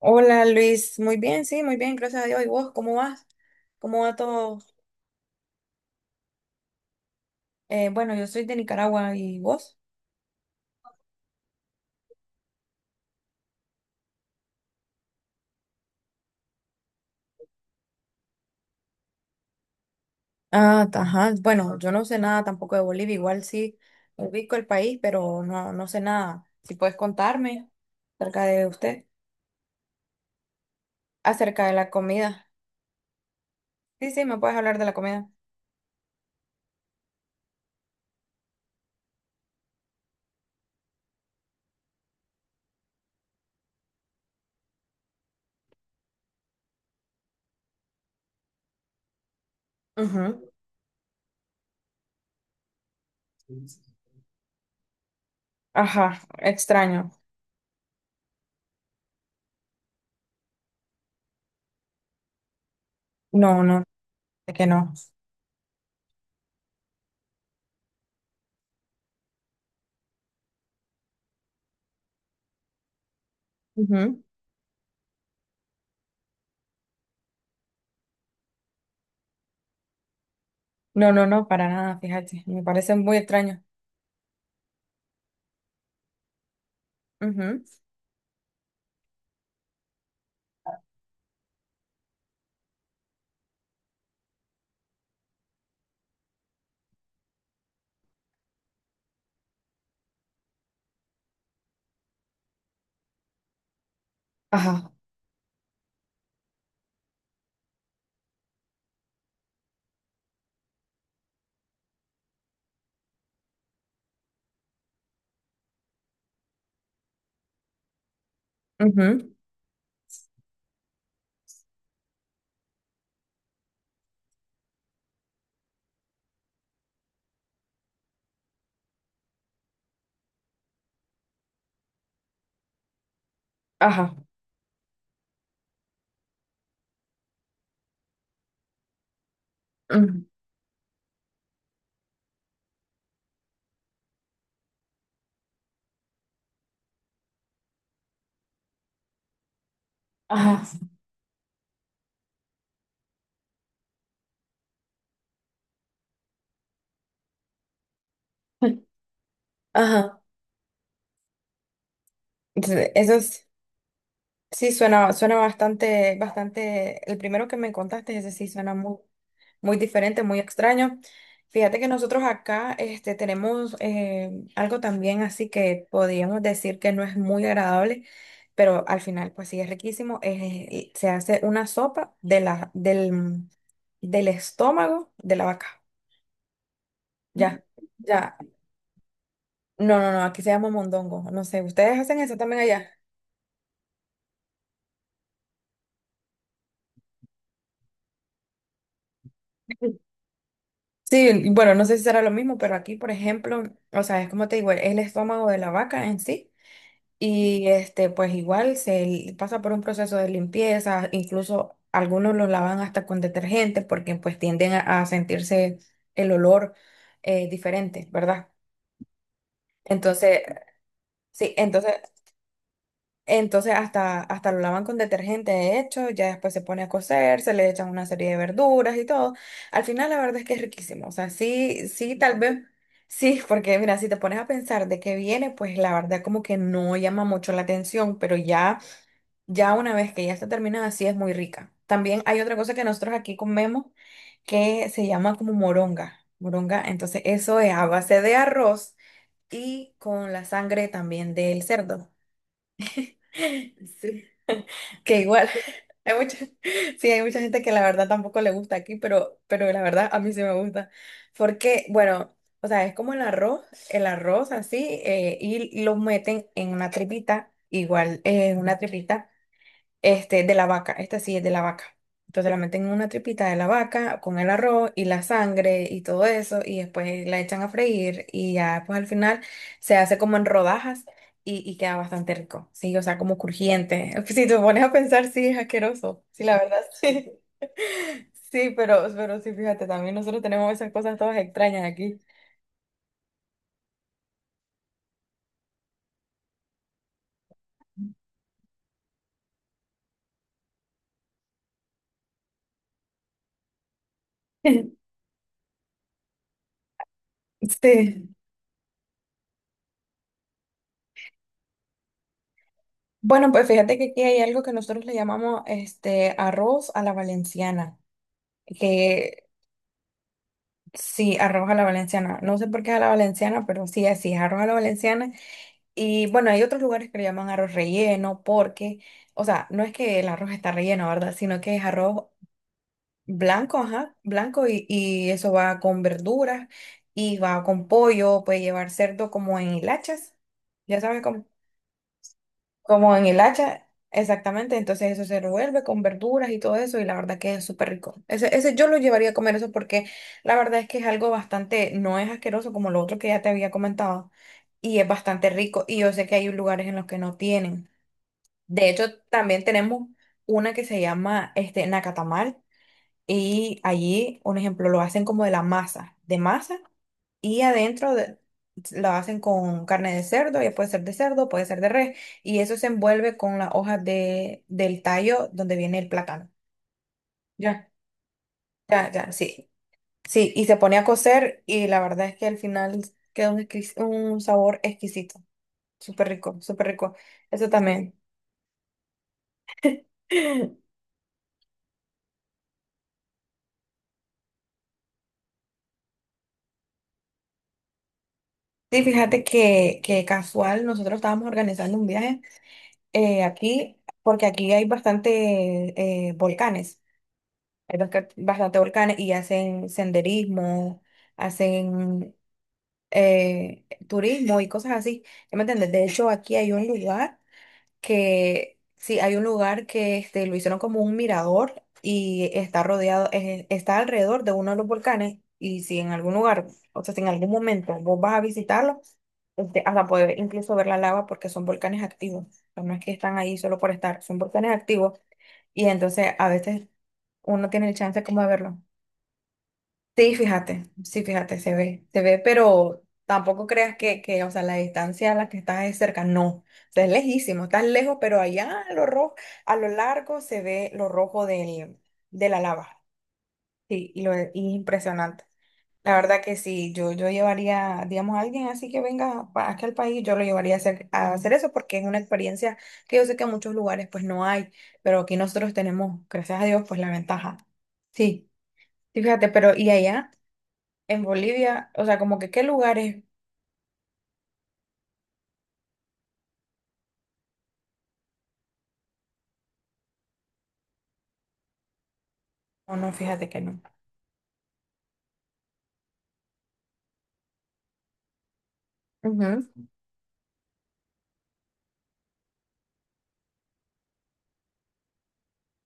Hola Luis, muy bien, sí, muy bien, gracias a Dios. ¿Y vos, cómo vas? ¿Cómo va todo? Bueno, yo soy de Nicaragua, ¿y vos? Ajá, bueno, yo no sé nada tampoco de Bolivia, igual sí ubico el país, pero no, no sé nada. Si puedes contarme acerca de usted, acerca de la comida. Sí, sí, me puedes hablar de la comida. Ujú. Ajá, extraño. No, no, es que no. Ujú. No, no, no, para nada, fíjate, me parece muy extraño. Ujú. Ajá, ujú. Ajá. Ujú. Ajá, ajá. Entonces, eso sí suena, suena bastante, bastante. El primero que me contaste, ese sí suena muy, muy diferente, muy extraño. Fíjate que nosotros acá este, tenemos algo también así que podríamos decir que no es muy agradable, pero al final pues sí es riquísimo. Se hace una sopa del, del estómago de la vaca. Ya, ya. No, no, no, aquí se llama mondongo. No sé, ¿ustedes hacen eso también allá? Sí, y bueno, no sé si será lo mismo, pero aquí, por ejemplo, o sea, es como te digo, es el estómago de la vaca en sí, y este, pues igual pasa por un proceso de limpieza, incluso algunos los lavan hasta con detergente porque pues tienden a sentirse el olor diferente, ¿verdad? Entonces, sí, entonces entonces hasta, hasta lo lavan con detergente, de hecho, ya después se pone a cocer, se le echan una serie de verduras y todo. Al final la verdad es que es riquísimo, o sea, sí, sí, tal vez, sí, porque mira, si te pones a pensar de qué viene, pues la verdad como que no llama mucho la atención, pero ya, ya una vez que ya está terminada, sí es muy rica. También hay otra cosa que nosotros aquí comemos que se llama como moronga, moronga, entonces eso es a base de arroz y con la sangre también del cerdo. Sí. Que igual, hay mucha, sí, hay mucha gente que la verdad tampoco le gusta aquí, pero la verdad a mí sí me gusta. Porque, bueno, o sea, es como el arroz así, y lo meten en una tripita, igual, en una tripita este, de la vaca, esta sí es de la vaca. Entonces la meten en una tripita de la vaca con el arroz y la sangre y todo eso y después la echan a freír y ya pues al final se hace como en rodajas y queda bastante rico, sí, o sea, como crujiente. Si te pones a pensar, sí, es asqueroso, sí, la verdad, sí. Sí, pero sí, fíjate, también nosotros tenemos esas cosas todas extrañas aquí. Sí. Bueno, pues fíjate que aquí hay algo que nosotros le llamamos este arroz a la valenciana, que sí, arroz a la valenciana. No sé por qué es a la valenciana, pero sí, así es arroz a la valenciana. Y bueno, hay otros lugares que le llaman arroz relleno porque, o sea, no es que el arroz está relleno, ¿verdad? Sino que es arroz blanco, ajá, blanco y eso va con verduras y va con pollo, puede llevar cerdo como en hilachas. Ya sabes, como en el hacha, exactamente. Entonces eso se revuelve con verduras y todo eso y la verdad que es súper rico. Ese yo lo llevaría a comer eso porque la verdad es que es algo bastante, no es asqueroso como lo otro que ya te había comentado y es bastante rico y yo sé que hay lugares en los que no tienen. De hecho, también tenemos una que se llama este Nacatamal y allí, un ejemplo, lo hacen como de la masa, de masa. Y lo hacen con carne de cerdo, ya puede ser de cerdo, puede ser de res, y eso se envuelve con las hojas del tallo donde viene el plátano. Ya. Ya, ya, sí. Sí, y se pone a cocer y la verdad es que al final queda un, un sabor exquisito, súper rico, súper rico. Eso también. Sí, fíjate que casual, nosotros estábamos organizando un viaje aquí, porque aquí hay bastante volcanes. Hay bastante volcanes y hacen senderismo, hacen turismo y cosas así. ¿Ya me entiendes? De hecho, aquí hay un lugar que, sí, hay un lugar que este, lo hicieron como un mirador y está rodeado, está alrededor de uno de los volcanes. Y si en algún lugar, o sea, si en algún momento vos vas a visitarlo, este, hasta poder incluso ver la lava porque son volcanes activos. O sea, no es que están ahí solo por estar, son volcanes activos y entonces a veces uno tiene el chance como de verlo. Sí, fíjate, se ve, pero tampoco creas que, o sea, la distancia a la que estás es cerca, no, o sea, es lejísimo, estás lejos, pero allá a lo rojo, a lo largo se ve lo rojo de la lava, sí, y es impresionante. La verdad que sí, yo llevaría, digamos, a alguien así que venga aquí al país, yo lo llevaría a hacer eso porque es una experiencia que yo sé que en muchos lugares pues no hay, pero aquí nosotros tenemos, gracias a Dios, pues la ventaja. Sí, sí, fíjate, pero ¿y allá? En Bolivia, o sea, como que qué lugares. O no, fíjate que no. Ujú.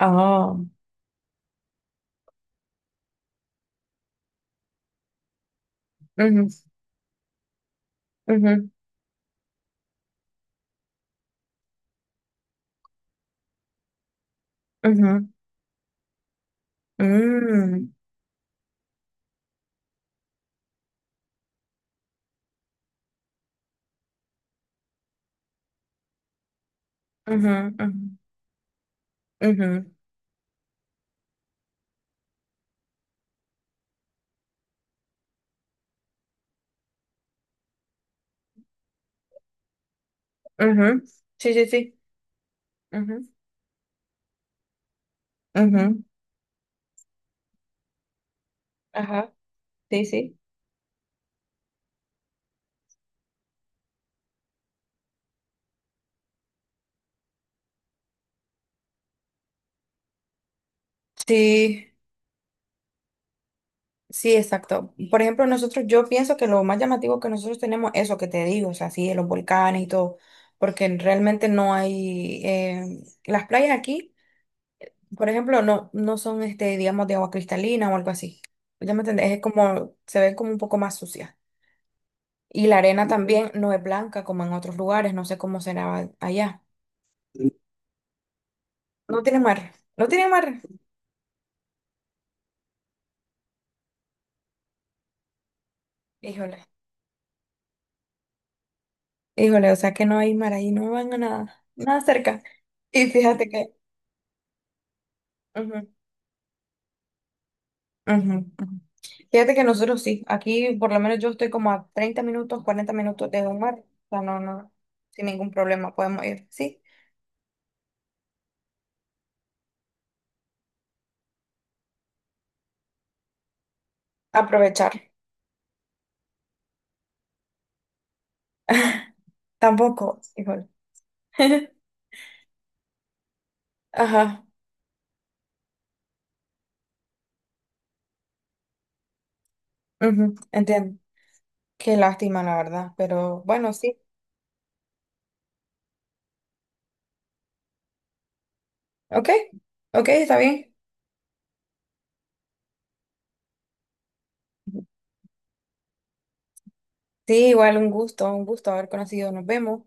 Oh, ujú, ujú, ujú, mm, ujú, ujú, ujú, ujú. Sí, sí, sí. Ujú, ujú, ajá, sí, sí. Sí, sí, exacto. Por ejemplo, nosotros, yo pienso que lo más llamativo que nosotros tenemos, eso que te digo, o sea, sí, de los volcanes y todo, porque realmente no hay, las playas aquí. Por ejemplo, no, no son este, digamos, de agua cristalina o algo así. Ya me entendés, es como, se ven como un poco más sucia. Y la arena también no es blanca como en otros lugares, no sé cómo será allá. No tiene mar, no tiene mar. Híjole, híjole, o sea que no hay mar ahí, no van a nada, nada cerca. Y fíjate que, ujú, ujú, ujú. Fíjate que nosotros sí, aquí por lo menos yo estoy como a 30 minutos, 40 minutos de un mar, o sea, no, no, sin ningún problema podemos ir, sí, aprovechar. Tampoco, híjole. Ajá, ujú, entiendo. Qué lástima, la verdad, pero bueno, sí. Ok, ok, está bien. Sí, igual un gusto haber conocido. Nos vemos.